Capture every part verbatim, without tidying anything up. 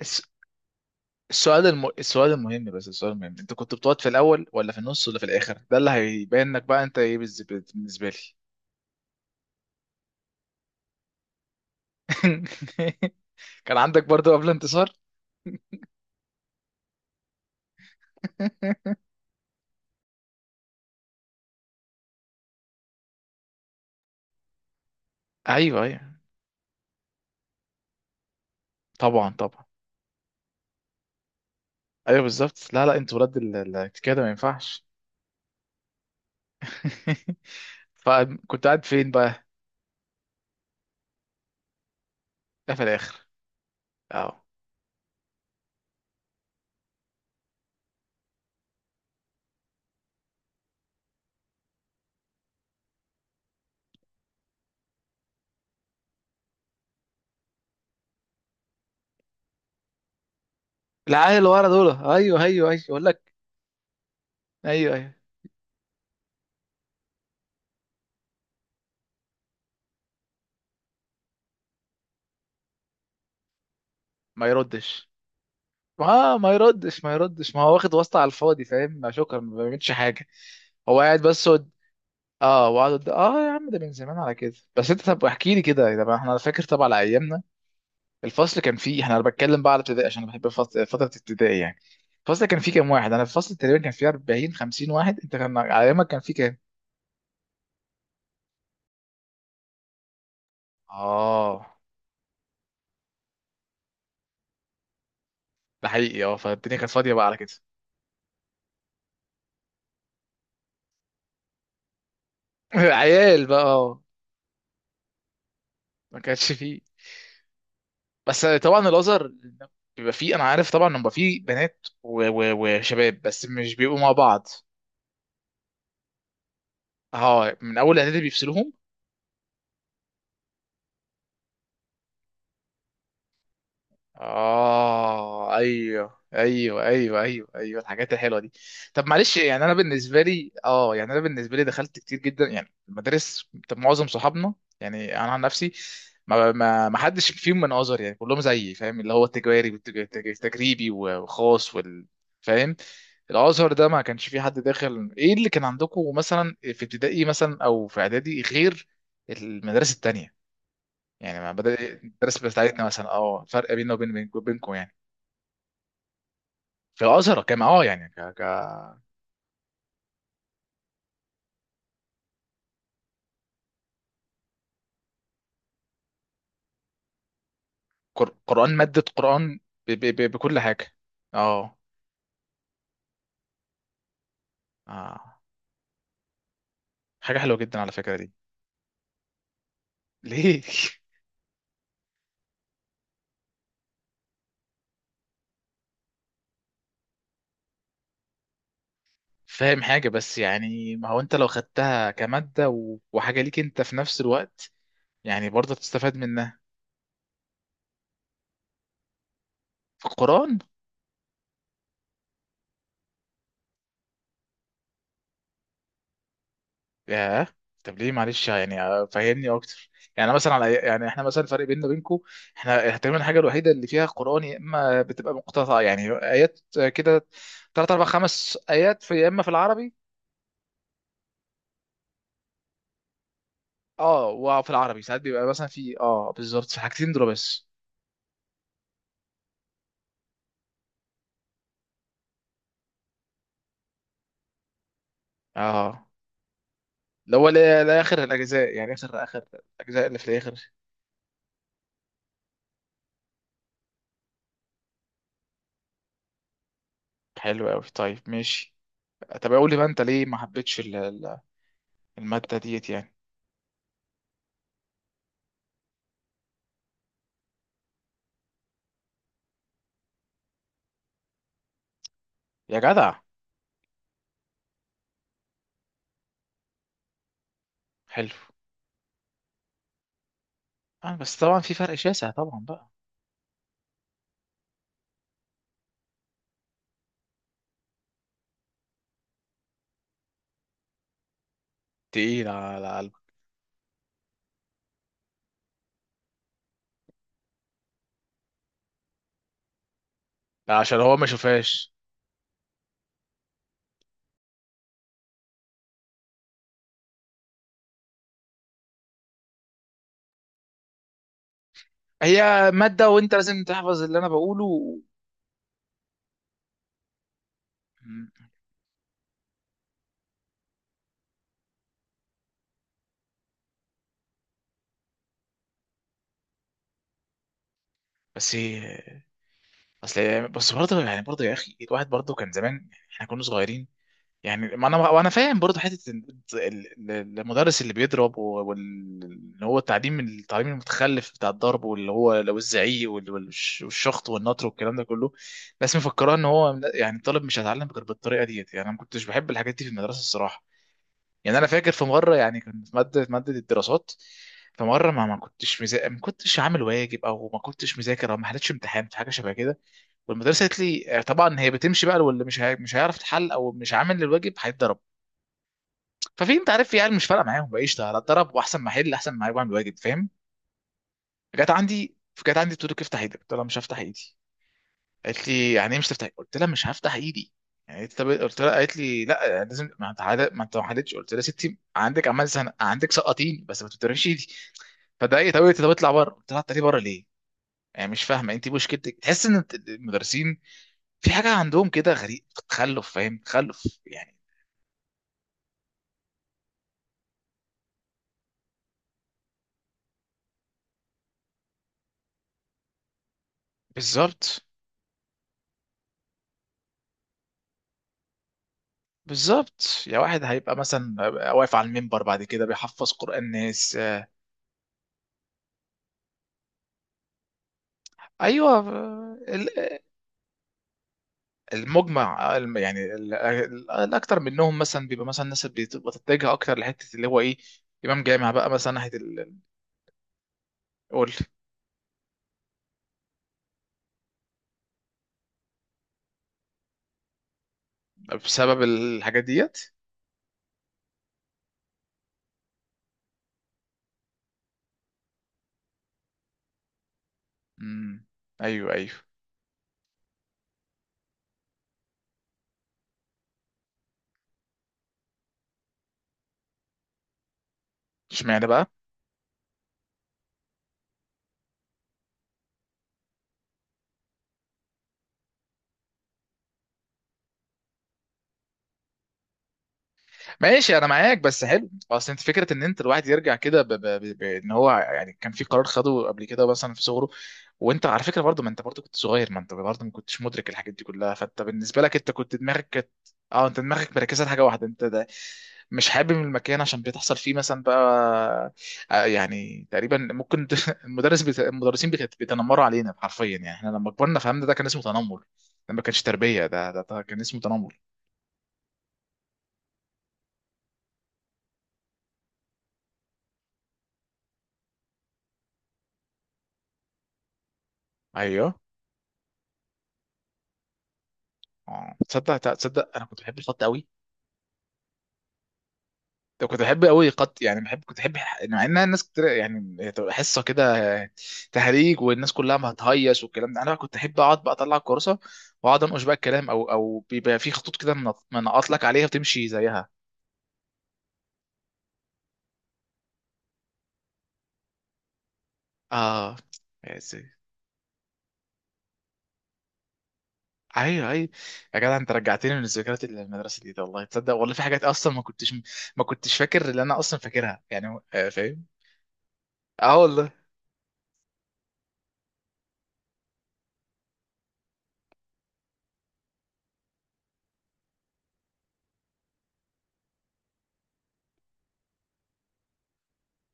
الس- السؤال الم... السؤال المهم بس السؤال المهم انت كنت بتقعد في الاول ولا في النص ولا في الاخر؟ ده اللي هيبين لك بقى انت ايه. بالز- بالنسبه لي. كان عندك برضو قبل انتصار؟ ايوه ايوه. طبعا طبعا. ايوه بالظبط، لا لا، انت ولاد ال- ال- كده ما ينفعش. فكنت قاعد فين بقى؟ ده في الاخر؟ اه. العيال اللي ورا دول ايوه ايوه ايوه اقول لك. ايوه ايوه. ما يردش. ما ما يردش ما يردش، ما هو واخد واسطة على الفاضي، فاهم؟ شكرا، ما بيعملش حاجة. هو قاعد بس قد... اه، وقعد قد... اه. يا عم ده من زمان على كده. بس انت طب احكي لي كده. طب احنا فاكر طبعا على ايامنا الفصل كان فيه، احنا انا بتكلم بقى على ابتدائي عشان انا بحب فص- فترة ابتدائي يعني. الفصل كان فيه كام واحد؟ انا في الفصل تقريبا كان فيه أربعين خمسين واحد. انت كان على ايامك كان فيه كام؟ اه. ده حقيقي اه. فالدنيا كانت فاضية بقى على كده. عيال بقى، اه. ما كانش فيه. بس طبعا الازهر بيبقى فيه، انا عارف طبعا إن بيبقى فيه بنات و- و- وشباب، بس مش بيبقوا مع بعض. اه، من اول اعدادي بيفصلوهم. اه ايوه ايوه ايوه ايوه ايوه، الحاجات الحلوه دي. طب معلش، يعني انا بالنسبه لي، اه يعني انا بالنسبه لي دخلت كتير جدا يعني المدارس. طب معظم صحابنا يعني انا عن نفسي ما ما ما حدش فيهم من ازهر، يعني كلهم زيي فاهم اللي هو التجاري والتجريبي وخاص وال، فاهم. الازهر ده ما كانش فيه حد داخل. ايه اللي كان عندكم مثلا في ابتدائي مثلا او في اعدادي غير المدارس التانية؟ يعني ما بدأ الدرس بتاعتنا مثلا، اه، فرق بيننا وبين بين- بينكم يعني. في الازهر كان اه يعني ك... ك... قر- قرآن، مادة قرآن. ب... ب... ب... بكل حاجة، اه. اه حاجة حلوة جدا على فكرة دي. ليه؟ فاهم حاجة. بس يعني ما هو انت لو خدتها كمادة و... وحاجة ليك انت في نفس الوقت، يعني برضه تستفاد منها. في القرآن. ياه. طب ليه؟ معلش يعني، آه، فهمني اكتر. يعني مثلا على، يعني احنا مثلا الفرق بيننا وبينكم، احنا تقريبا الحاجه الوحيده اللي فيها قران يا اما بتبقى مقتطعه يعني ايات، آه، كده ثلاث اربع خمس ايات في، يا اما في العربي، اه. وفي العربي ساعات بيبقى مثلا في اه بالظبط، في حاجتين دول بس. اه، اللي هو لا- لاخر الاجزاء يعني اخر اخر الاجزاء، اللي في الاخر. حلو قوي، طيب ماشي. طب قول لي بقى انت ليه ما حبيتش ال- ال- الماده ديت يعني. يا جدع. حلو. اه بس طبعا في فرق شاسع طبعا بقى. تقيل على قلبك؟ عشان هو ما شافهاش. هي مادة وانت لازم تحفظ اللي انا بقوله. مم. بس اصل، بس برضه يعني، برضه يا اخي، الواحد برضه كان زمان، يعني احنا كنا صغيرين. يعني ما انا وانا فاهم برضه حته ال- ال- المدرس اللي بيضرب واللي هو التعليم، التعليم المتخلف بتاع الضرب، واللي هو لو الزعيق وال- والش- والشخط والنطر والكلام ده كله. بس مفكراه ان هو يعني الطالب مش هيتعلم غير بالطريقه ديت. يعني انا ما كنتش بحب الحاجات دي في المدرسه الصراحه. يعني انا فاكر في مره، يعني كنت في ماده، ماده الدراسات. في مره ما ما كنتش مزا... ما كنتش عامل واجب او ما كنتش مذاكر او ما حلتش امتحان في حاجه شبه كده. والمدرسه قالت لي، آه، طبعا هي بتمشي بقى واللي مش هي... مش هيعرف يتحل او مش عامل الواجب هيتضرب. ففي، انت عارف، في عيال مش فارقه معاهم بقى، قشطه هتضرب، واحسن ما احل، احسن ما اعمل واجب، فاهم. جت عندي جت عندي بتقول لك افتح ايدك، قلت لها مش هفتح ايدي. قالت لي يعني ايه مش تفتح؟ قلت لها مش هفتح ايدي. يعني قالت، طب قلت لها، قالت لي لا يعني لازم، ما انت حل- ما انت ما حلتش. قلت لها يا ستي عندك عمال زهق، عندك سقطيني بس ما تفتحيش ايدي. فضايقت قوي، طب اطلع بره. قلت لها اطلعي بره ليه؟ يعني مش فاهمه انت مشكلتك، تحس ان الت- المدرسين في حاجه عندهم كده غريب، تخلف، فاهم، تخلف يعني. بالظبط، بالظبط. يا واحد هيبقى مثلا واقف على المنبر بعد كده بيحفظ قرآن ناس، ايوه. المجمع، آه، الم- يعني ال- ال- الاكتر منهم مثلا بيبقى مثلا الناس اللي بتبقى تتجه اكتر لحته اللي هو ايه، امام جامع بقى مثلا ناحيه ال- ال- قول. بسبب الحاجات ديت. امم. ايوه ايوه. اشمعنى بقى؟ ماشي انا معاك. بس حلو اصل انت، فكره ان انت الواحد يرجع كده ب... ب... ب... بان هو يعني كان في قرار خده قبل كده مثلا في صغره. وانت على فكره برضه، ما انت برضه كنت صغير، ما انت برضه ما كنتش مدرك الحاجات دي كلها، فانت بالنسبه لك انت كنت دماغك كانت، اه، انت دماغك مركزه لحاجه واحده، انت ده مش حابب المكان عشان بتحصل فيه مثلا بقى، آه، يعني تقريبا ممكن. المدرس بت... المدرسين بت... بيتنمروا علينا حرفيا، يعني احنا لما كبرنا فهمنا ده كان اسمه تنمر. ده ما كانش تربيه، ده ده, ده كان اسمه تنمر. ايوه. اه تصدق، تصدق انا كنت بحب الخط قوي. ده كنت بحب قوي خط، يعني بحب، كنت بحب ح- مع انها الناس كتير يعني تبقى حصه كده تهريج والناس كلها ما هتهيص والكلام ده، انا بقى كنت احب اقعد بقى اطلع الكراسه واقعد انقش بقى الكلام، او او بيبقى في خطوط كده من- منقط لك عليها وتمشي زيها. اه. يا سي- ايوه ايوه. يا جدع انت رجعتني من الذكريات اللي من المدرسه دي، ده والله تصدق، والله في حاجات اصلا ما كنتش، ما كنتش فاكر اللي انا اصلا فاكرها يعني، آه، فاهم. اه والله.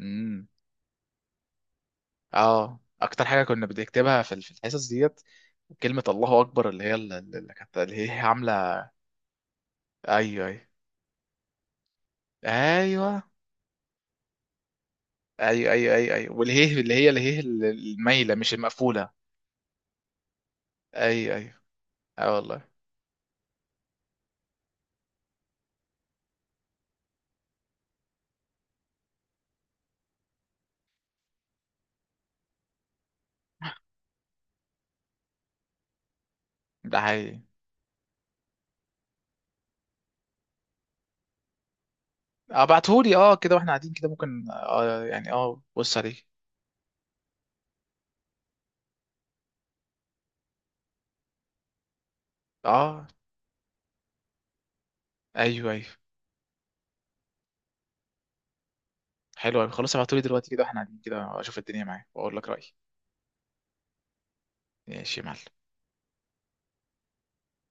امم. اه اكتر حاجه كنا بنكتبها في ال- في الحصص ديت كلمه الله اكبر، اللي هي ال- اللي كانت اللي هي عامله. ايوه ايوه ايوه ايوه ايوه ايوه ايوه. والهيه اللي هي، اللي هي ال- المايله مش المقفوله. ايوه ايوه. اه والله. ده حقيقي. اه بعتهولي اه كده واحنا قاعدين كده، ممكن اه يعني اه بص عليه. اه ايوه ايوه. حلو أوي. خلاص ابعتهولي دلوقتي كده واحنا قاعدين كده اشوف الدنيا معايا واقول لك رايي. ماشي يا معلم.